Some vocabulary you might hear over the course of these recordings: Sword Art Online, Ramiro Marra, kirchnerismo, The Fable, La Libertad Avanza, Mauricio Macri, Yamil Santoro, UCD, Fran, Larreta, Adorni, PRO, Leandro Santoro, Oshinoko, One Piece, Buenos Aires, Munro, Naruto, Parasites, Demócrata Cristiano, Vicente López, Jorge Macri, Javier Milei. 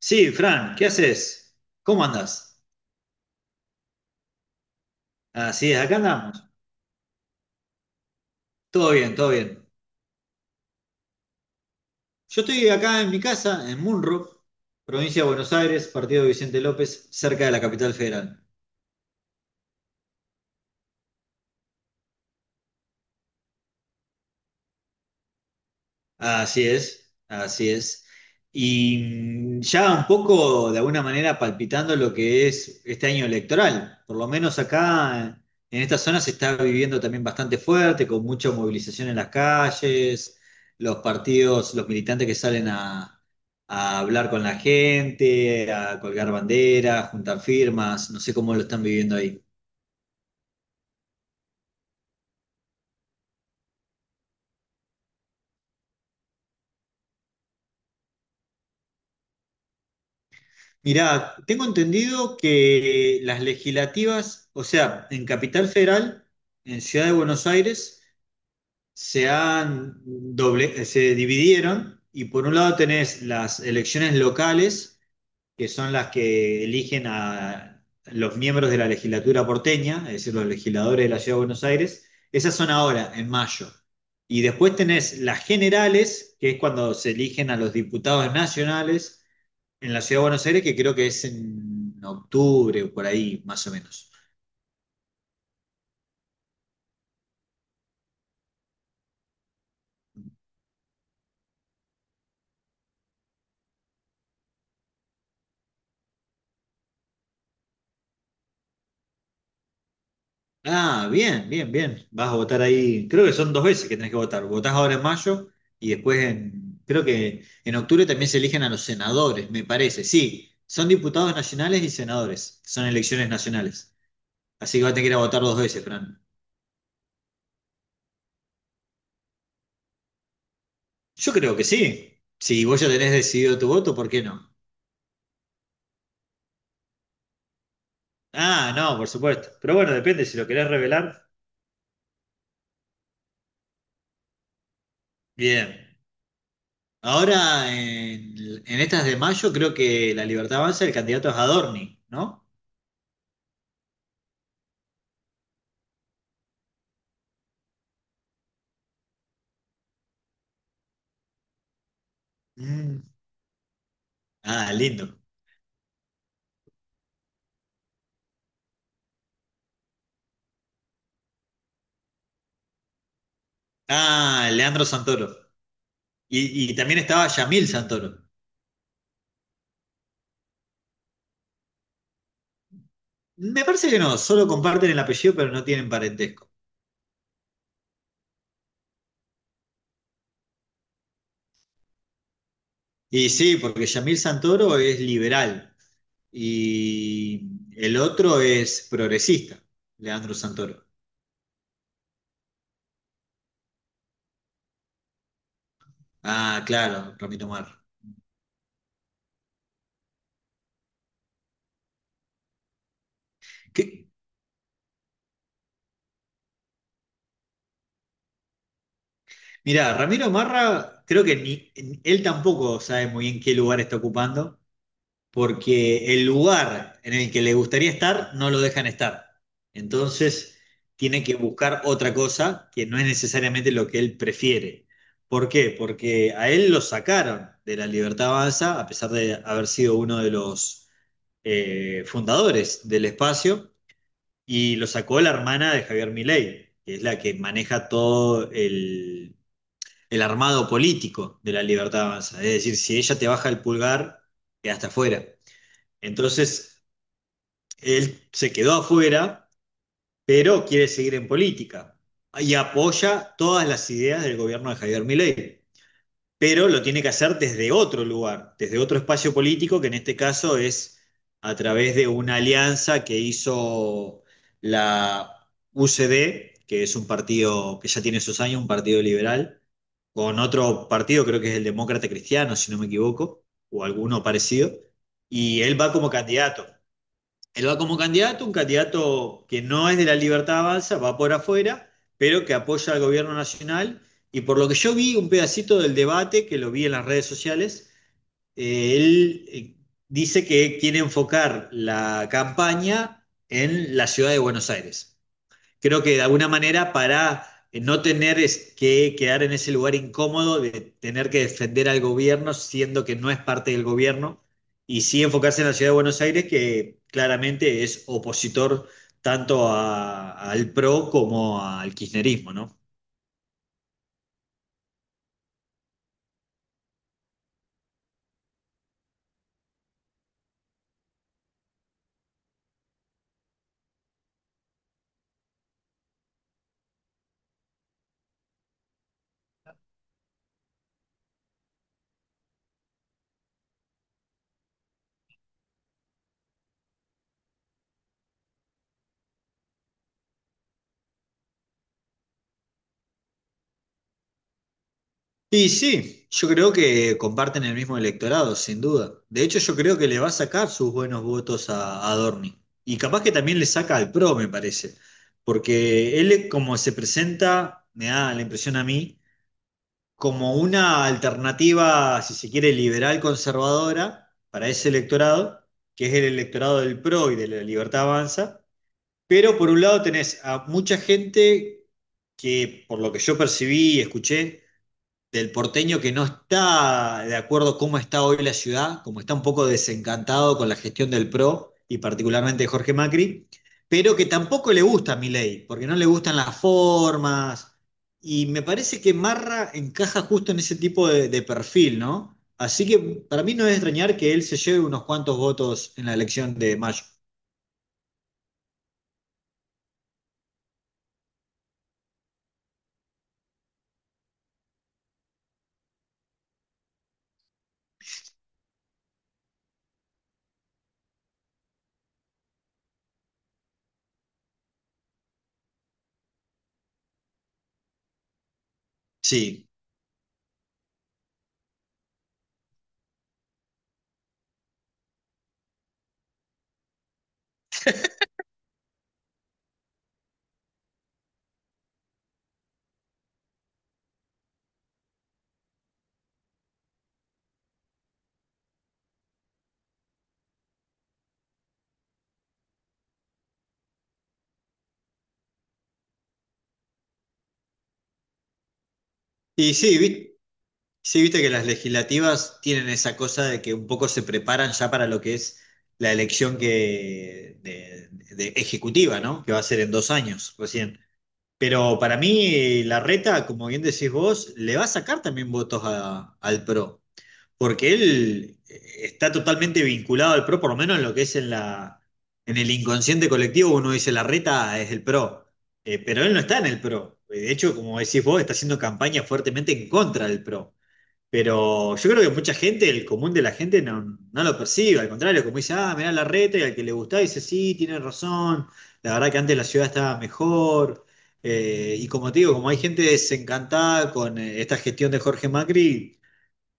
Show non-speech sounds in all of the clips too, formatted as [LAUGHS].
Sí, Fran, ¿qué haces? ¿Cómo andás? Así es, acá andamos. Todo bien, todo bien. Yo estoy acá en mi casa, en Munro, provincia de Buenos Aires, partido de Vicente López, cerca de la capital federal. Así es, así es. Y ya un poco, de alguna manera, palpitando lo que es este año electoral. Por lo menos acá, en esta zona, se está viviendo también bastante fuerte, con mucha movilización en las calles, los partidos, los militantes que salen a hablar con la gente, a colgar banderas, juntar firmas. No sé cómo lo están viviendo ahí. Mirá, tengo entendido que las legislativas, o sea, en Capital Federal, en Ciudad de Buenos Aires, se dividieron y por un lado tenés las elecciones locales, que son las que eligen a los miembros de la legislatura porteña, es decir, los legisladores de la Ciudad de Buenos Aires. Esas son ahora, en mayo. Y después tenés las generales, que es cuando se eligen a los diputados nacionales en la ciudad de Buenos Aires, que creo que es en octubre o por ahí, más o menos. Ah, bien, bien, bien. Vas a votar ahí. Creo que son dos veces que tenés que votar. Votás ahora en mayo y después en, creo que en octubre también se eligen a los senadores, me parece. Sí, son diputados nacionales y senadores. Son elecciones nacionales. Así que vas a tener que ir a votar dos veces, Fran. Yo creo que sí. Si vos ya tenés decidido tu voto, ¿por qué no? Ah, no, por supuesto. Pero bueno, depende si lo querés revelar. Bien. Ahora, en estas de mayo, creo que La Libertad Avanza, el candidato es Adorni, ¿no? Mm. Ah, lindo. Ah, Leandro Santoro. Y también estaba Yamil Santoro. Me parece que no, solo comparten el apellido, pero no tienen parentesco. Y sí, porque Yamil Santoro es liberal y el otro es progresista, Leandro Santoro. Ah, claro, Ramiro Marra. ¿Qué? Mirá, Ramiro Marra, creo que ni, él tampoco sabe muy bien qué lugar está ocupando, porque el lugar en el que le gustaría estar no lo dejan estar. Entonces tiene que buscar otra cosa que no es necesariamente lo que él prefiere. ¿Por qué? Porque a él lo sacaron de la Libertad Avanza, a pesar de haber sido uno de los fundadores del espacio, y lo sacó la hermana de Javier Milei, que es la que maneja todo el armado político de la Libertad Avanza. Es decir, si ella te baja el pulgar, quedaste afuera. Entonces, él se quedó afuera, pero quiere seguir en política y apoya todas las ideas del gobierno de Javier Milei, pero lo tiene que hacer desde otro lugar, desde otro espacio político, que en este caso es a través de una alianza que hizo la UCD, que es un partido que ya tiene sus años, un partido liberal, con otro partido, creo que es el Demócrata Cristiano, si no me equivoco, o alguno parecido, y él va como candidato. Él va como candidato, un candidato que no es de la Libertad Avanza, va por afuera, pero que apoya al gobierno nacional. Y por lo que yo vi, un pedacito del debate, que lo vi en las redes sociales, él dice que quiere enfocar la campaña en la ciudad de Buenos Aires, creo que de alguna manera para no tener es que quedar en ese lugar incómodo de tener que defender al gobierno siendo que no es parte del gobierno y sí enfocarse en la ciudad de Buenos Aires, que claramente es opositor tanto al PRO como al kirchnerismo, ¿no? Y sí, yo creo que comparten el mismo electorado, sin duda. De hecho, yo creo que le va a sacar sus buenos votos a Adorni. Y capaz que también le saca al PRO, me parece. Porque él, como se presenta, me da la impresión a mí, como una alternativa, si se quiere, liberal conservadora para ese electorado, que es el electorado del PRO y de la Libertad Avanza. Pero por un lado tenés a mucha gente que, por lo que yo percibí y escuché, del porteño que no está de acuerdo cómo está hoy la ciudad, como está un poco desencantado con la gestión del PRO y particularmente de Jorge Macri, pero que tampoco le gusta a Milei, porque no le gustan las formas. Y me parece que Marra encaja justo en ese tipo de perfil, ¿no? Así que para mí no es extrañar que él se lleve unos cuantos votos en la elección de mayo. Sí. Y sí, sí, viste que las legislativas tienen esa cosa de que un poco se preparan ya para lo que es la elección que de ejecutiva, ¿no? Que va a ser en 2 años recién. Pero para mí, Larreta, como bien decís vos, le va a sacar también votos al PRO, porque él está totalmente vinculado al PRO, por lo menos en lo que es en el inconsciente colectivo, uno dice Larreta es el PRO. Pero él no está en el PRO. De hecho, como decís vos, está haciendo campaña fuertemente en contra del PRO. Pero yo creo que mucha gente, el común de la gente, no lo percibe. Al contrario, como dice, ah, mirá la reta, y al que le gusta dice, sí, tiene razón. La verdad que antes la ciudad estaba mejor. Y como te digo, como hay gente desencantada con esta gestión de Jorge Macri,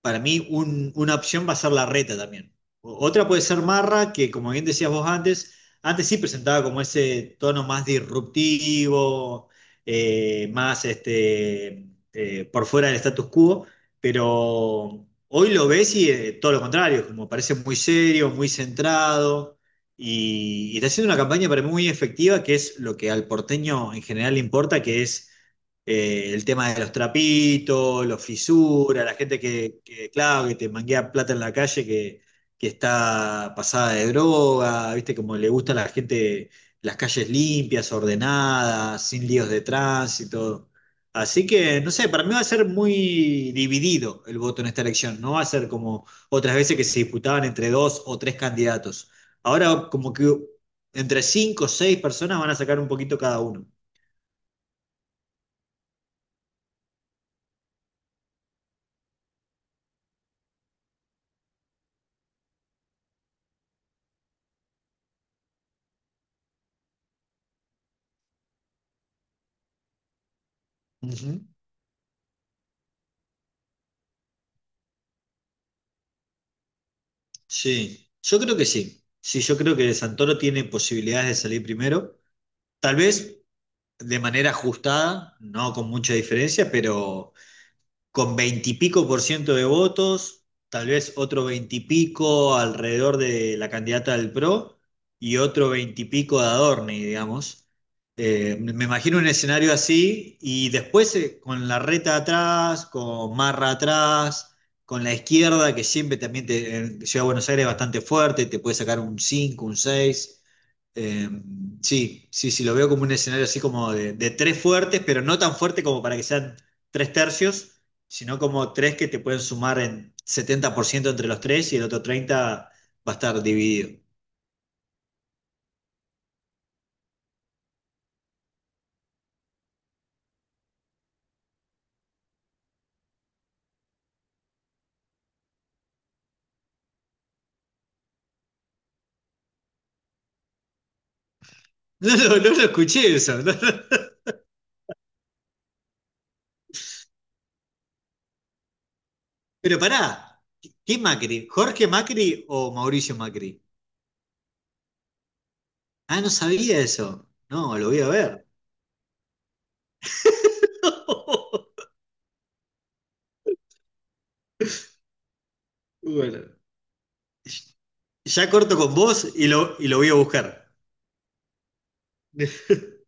para mí una opción va a ser la reta también. Otra puede ser Marra, que como bien decías vos antes, antes sí presentaba como ese tono más disruptivo, más por fuera del status quo, pero hoy lo ves y todo lo contrario, como parece muy serio, muy centrado. Y está haciendo una campaña para mí muy efectiva, que es lo que al porteño en general le importa, que es el tema de los trapitos, los fisuras, la gente que, claro, que te manguea plata en la calle, que está pasada de droga, viste, como le gusta a la gente las calles limpias, ordenadas, sin líos de tránsito. Así que, no sé, para mí va a ser muy dividido el voto en esta elección. No va a ser como otras veces que se disputaban entre dos o tres candidatos. Ahora, como que entre cinco o seis personas van a sacar un poquito cada uno. Ujú. Sí, yo creo que sí. Sí, yo creo que Santoro tiene posibilidades de salir primero, tal vez de manera ajustada, no con mucha diferencia, pero con veintipico por ciento de votos, tal vez otro veintipico alrededor de la candidata del PRO y otro veintipico de Adorni, digamos. Me imagino un escenario así y después con la reta atrás, con Marra atrás, con la izquierda que siempre también te, en Ciudad de Buenos Aires es bastante fuerte, te puede sacar un 5, un seis. Eh, sí, sí, sí, lo veo como un escenario así como de tres fuertes, pero no tan fuerte como para que sean tres tercios, sino como tres que te pueden sumar en 70% entre los tres y el otro 30% va a estar dividido. [LAUGHS] No, lo escuché eso. [LAUGHS] No, no. Pero pará, ¿qué Macri? ¿Jorge Macri o Mauricio Macri? Ah, no sabía eso. No, lo voy a ver. [LAUGHS] Bueno, ya corto con vos y lo voy a buscar. [LAUGHS]